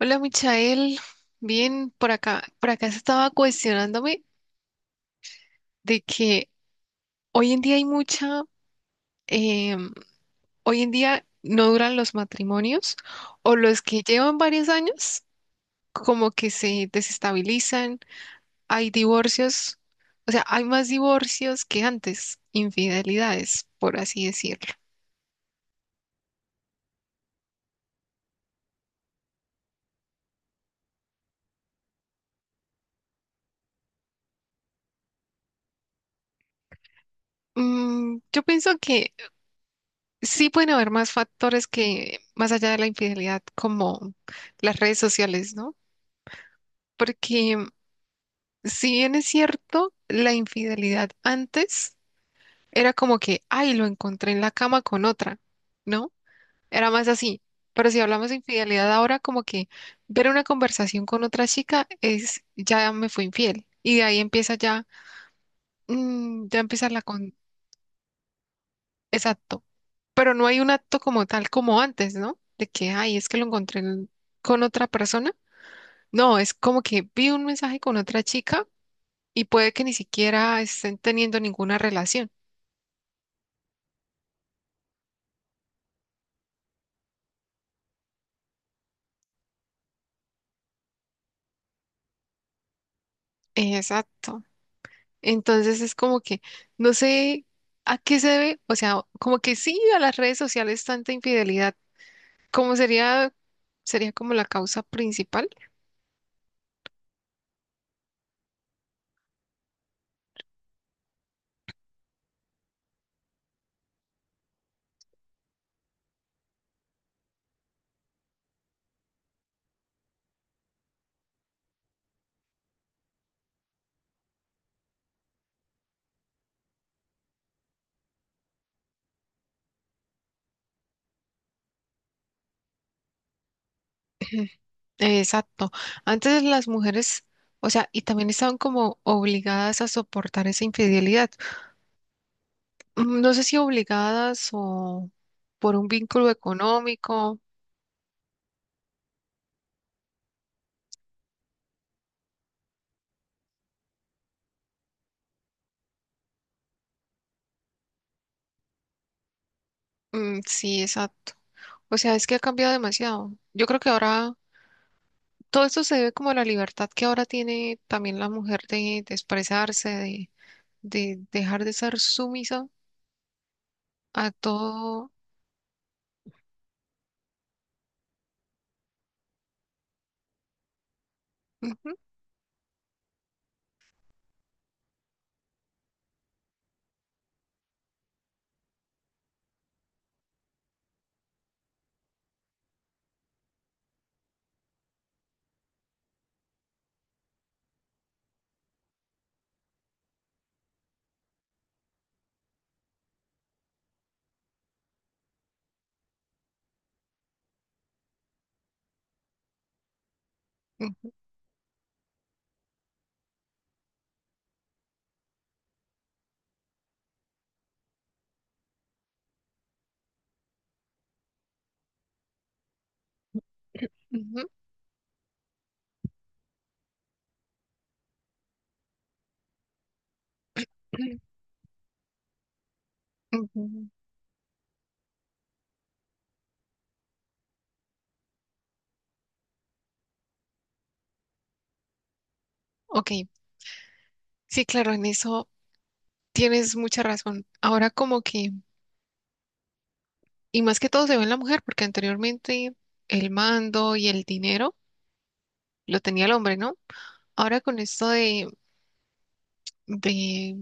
Hola, Michael. Bien, por acá, se estaba cuestionándome de que hoy en día hay mucha, em, hoy en día no duran los matrimonios o los que llevan varios años como que se desestabilizan, hay divorcios, o sea, hay más divorcios que antes, infidelidades, por así decirlo. Yo pienso que sí pueden haber más factores que más allá de la infidelidad, como las redes sociales, ¿no? Porque si bien es cierto, la infidelidad antes era como que, ay, lo encontré en la cama con otra, ¿no? Era más así. Pero si hablamos de infidelidad ahora, como que ver una conversación con otra chica es, ya me fue infiel. Y de ahí empieza ya, ya empieza la Exacto. Pero no hay un acto como tal como antes, ¿no? De que, ay, es que con otra persona. No, es como que vi un mensaje con otra chica y puede que ni siquiera estén teniendo ninguna relación. Exacto. Entonces es como que no sé a qué se debe, o sea, como que sí, a las redes sociales tanta infidelidad, como sería, sería como la causa principal. Exacto. Antes las mujeres, o sea, y también estaban como obligadas a soportar esa infidelidad. No sé si obligadas o por un vínculo económico. Sí, exacto. O sea, es que ha cambiado demasiado. Yo creo que ahora todo esto se debe como a la libertad que ahora tiene también la mujer de expresarse, de dejar de ser sumisa a todo. Ujú, ujú, ujú, ujú. Ok, sí, claro, en eso tienes mucha razón. Ahora como que, y más que todo se ve en la mujer, porque anteriormente el mando y el dinero lo tenía el hombre, ¿no? Ahora con esto de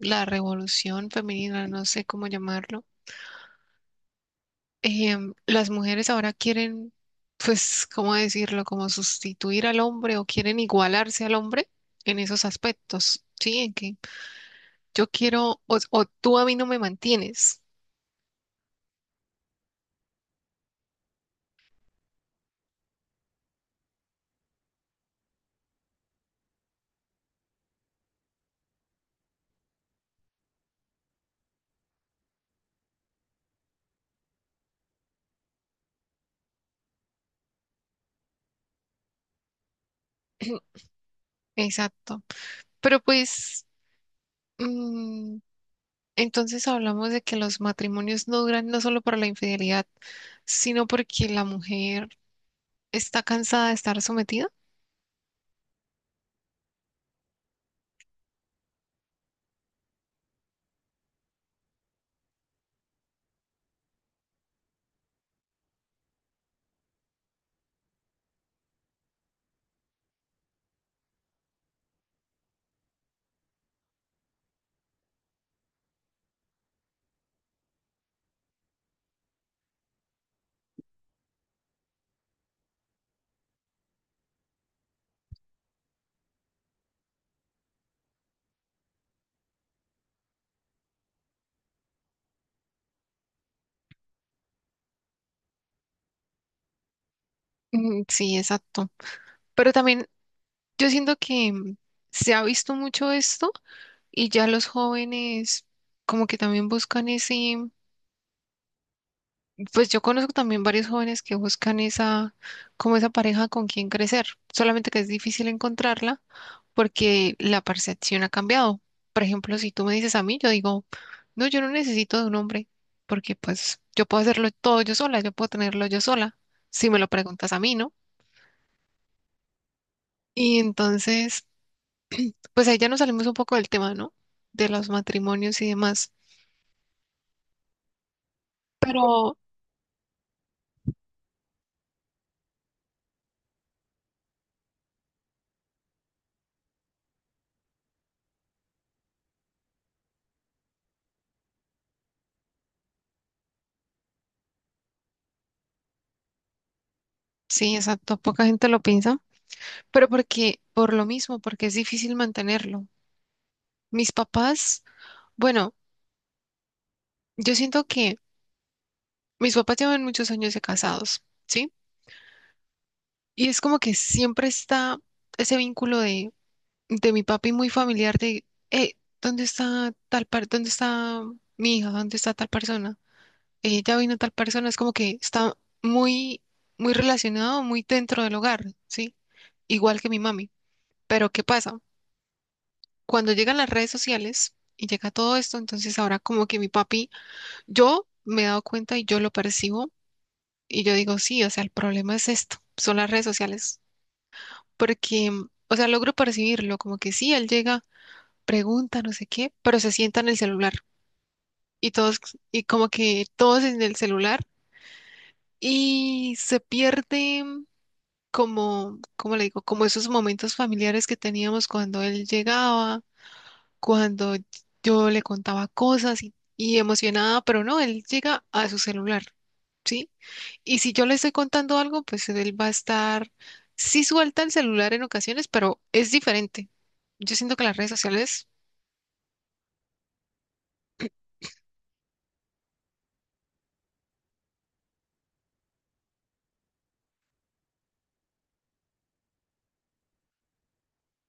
la revolución femenina, no sé cómo llamarlo. Las mujeres ahora quieren, pues, ¿cómo decirlo? Como sustituir al hombre o quieren igualarse al hombre en esos aspectos, ¿sí? En que yo quiero o tú a mí no me mantienes. Exacto. Pero pues, mm, entonces hablamos de que los matrimonios no duran no solo por la infidelidad, sino porque la mujer está cansada de estar sometida. Sí, exacto. Pero también yo siento que se ha visto mucho esto. Y ya los jóvenes como que también buscan ese, pues yo conozco también varios jóvenes que buscan esa, como esa pareja con quien crecer, solamente que es difícil encontrarla porque la percepción ha cambiado. Por ejemplo, si tú me dices a mí, yo digo, no, yo no necesito de un hombre porque pues yo puedo hacerlo todo yo sola, yo puedo tenerlo yo sola, si me lo preguntas a mí, ¿no? Y entonces, pues ahí ya nos salimos un poco del tema, ¿no? De los matrimonios y demás. Pero sí, exacto, poca gente lo piensa. Pero porque, por lo mismo, porque es difícil mantenerlo. Mis papás, bueno, yo siento que mis papás llevan muchos años de casados, ¿sí? Y es como que siempre está ese vínculo de mi papi muy familiar de, eh, ¿dónde está tal par, dónde está mi hija? ¿Dónde está tal persona? Ya vino tal persona, es como que está muy, muy relacionado, muy dentro del hogar, ¿sí? Igual que mi mami. Pero ¿qué pasa? Cuando llegan las redes sociales y llega todo esto, entonces ahora como que mi papi, yo me he dado cuenta y yo lo percibo y yo digo, sí, o sea, el problema es esto, son las redes sociales, porque, o sea, logro percibirlo, como que sí, él llega, pregunta, no sé qué, pero se sienta en el celular y todos, y como que todos en el celular y se pierde como, ¿cómo le digo? Como esos momentos familiares que teníamos cuando él llegaba, cuando yo le contaba cosas y emocionada, pero no, él llega a su celular, ¿sí? Y si yo le estoy contando algo, pues él va a estar, sí suelta el celular en ocasiones, pero es diferente. Yo siento que las redes sociales,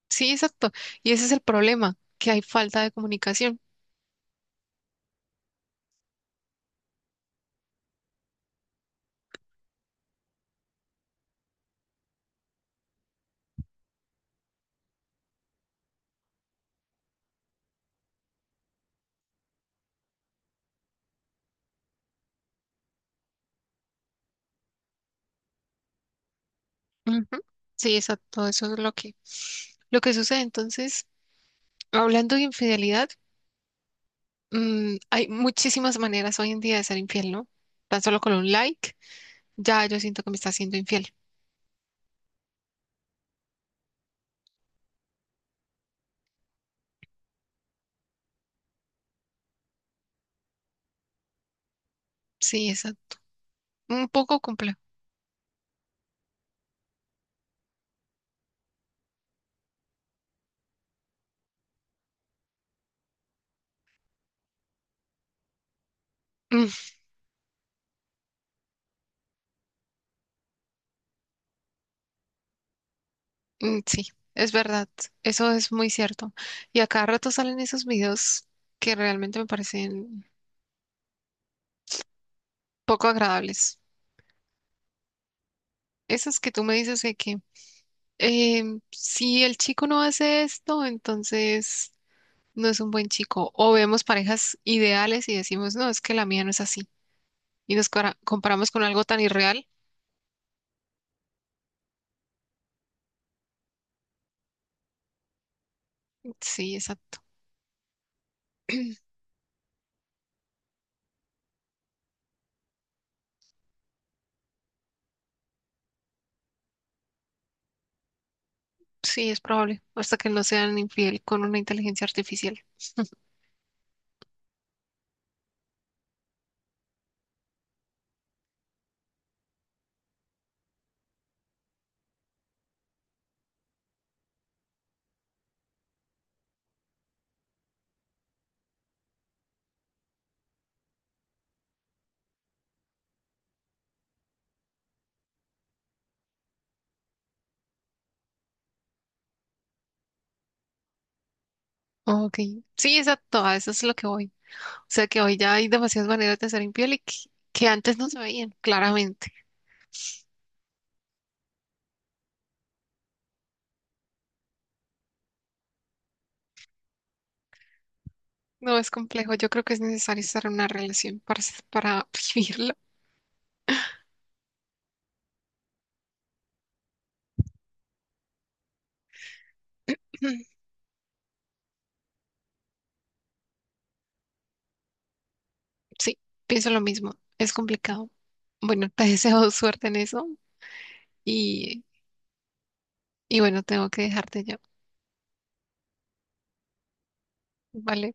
sí, exacto. Y ese es el problema, que hay falta de comunicación. Ujú. Sí, exacto, eso es lo lo que sucede. Entonces, hablando de infidelidad, hay muchísimas maneras hoy en día de ser infiel, ¿no? Tan solo con un like. Ya yo siento que me está siendo infiel. Sí, es un poco complejo. Mm, sí, es verdad. Eso es muy cierto. Y a cada rato salen esos videos que realmente me parecen poco agradables. Esos que tú me dices de que si el chico no hace esto, entonces no es un buen chico. O vemos parejas ideales y decimos, no, es que la mía no es así. Y nos comparamos con algo tan irreal. Sí, exacto. Sí, es probable. Hasta que no sean infiel con una inteligencia artificial. Ok, sí, exacto, a eso es lo que voy. O sea que hoy ya hay demasiadas maneras de ser infiel que antes no se veían, claramente. No es complejo, yo creo que es necesario estar en una relación para, para vivirlo. Sí, pienso lo mismo, es complicado. Bueno, te deseo suerte en eso y, y bueno, tengo que dejarte ya. Vale.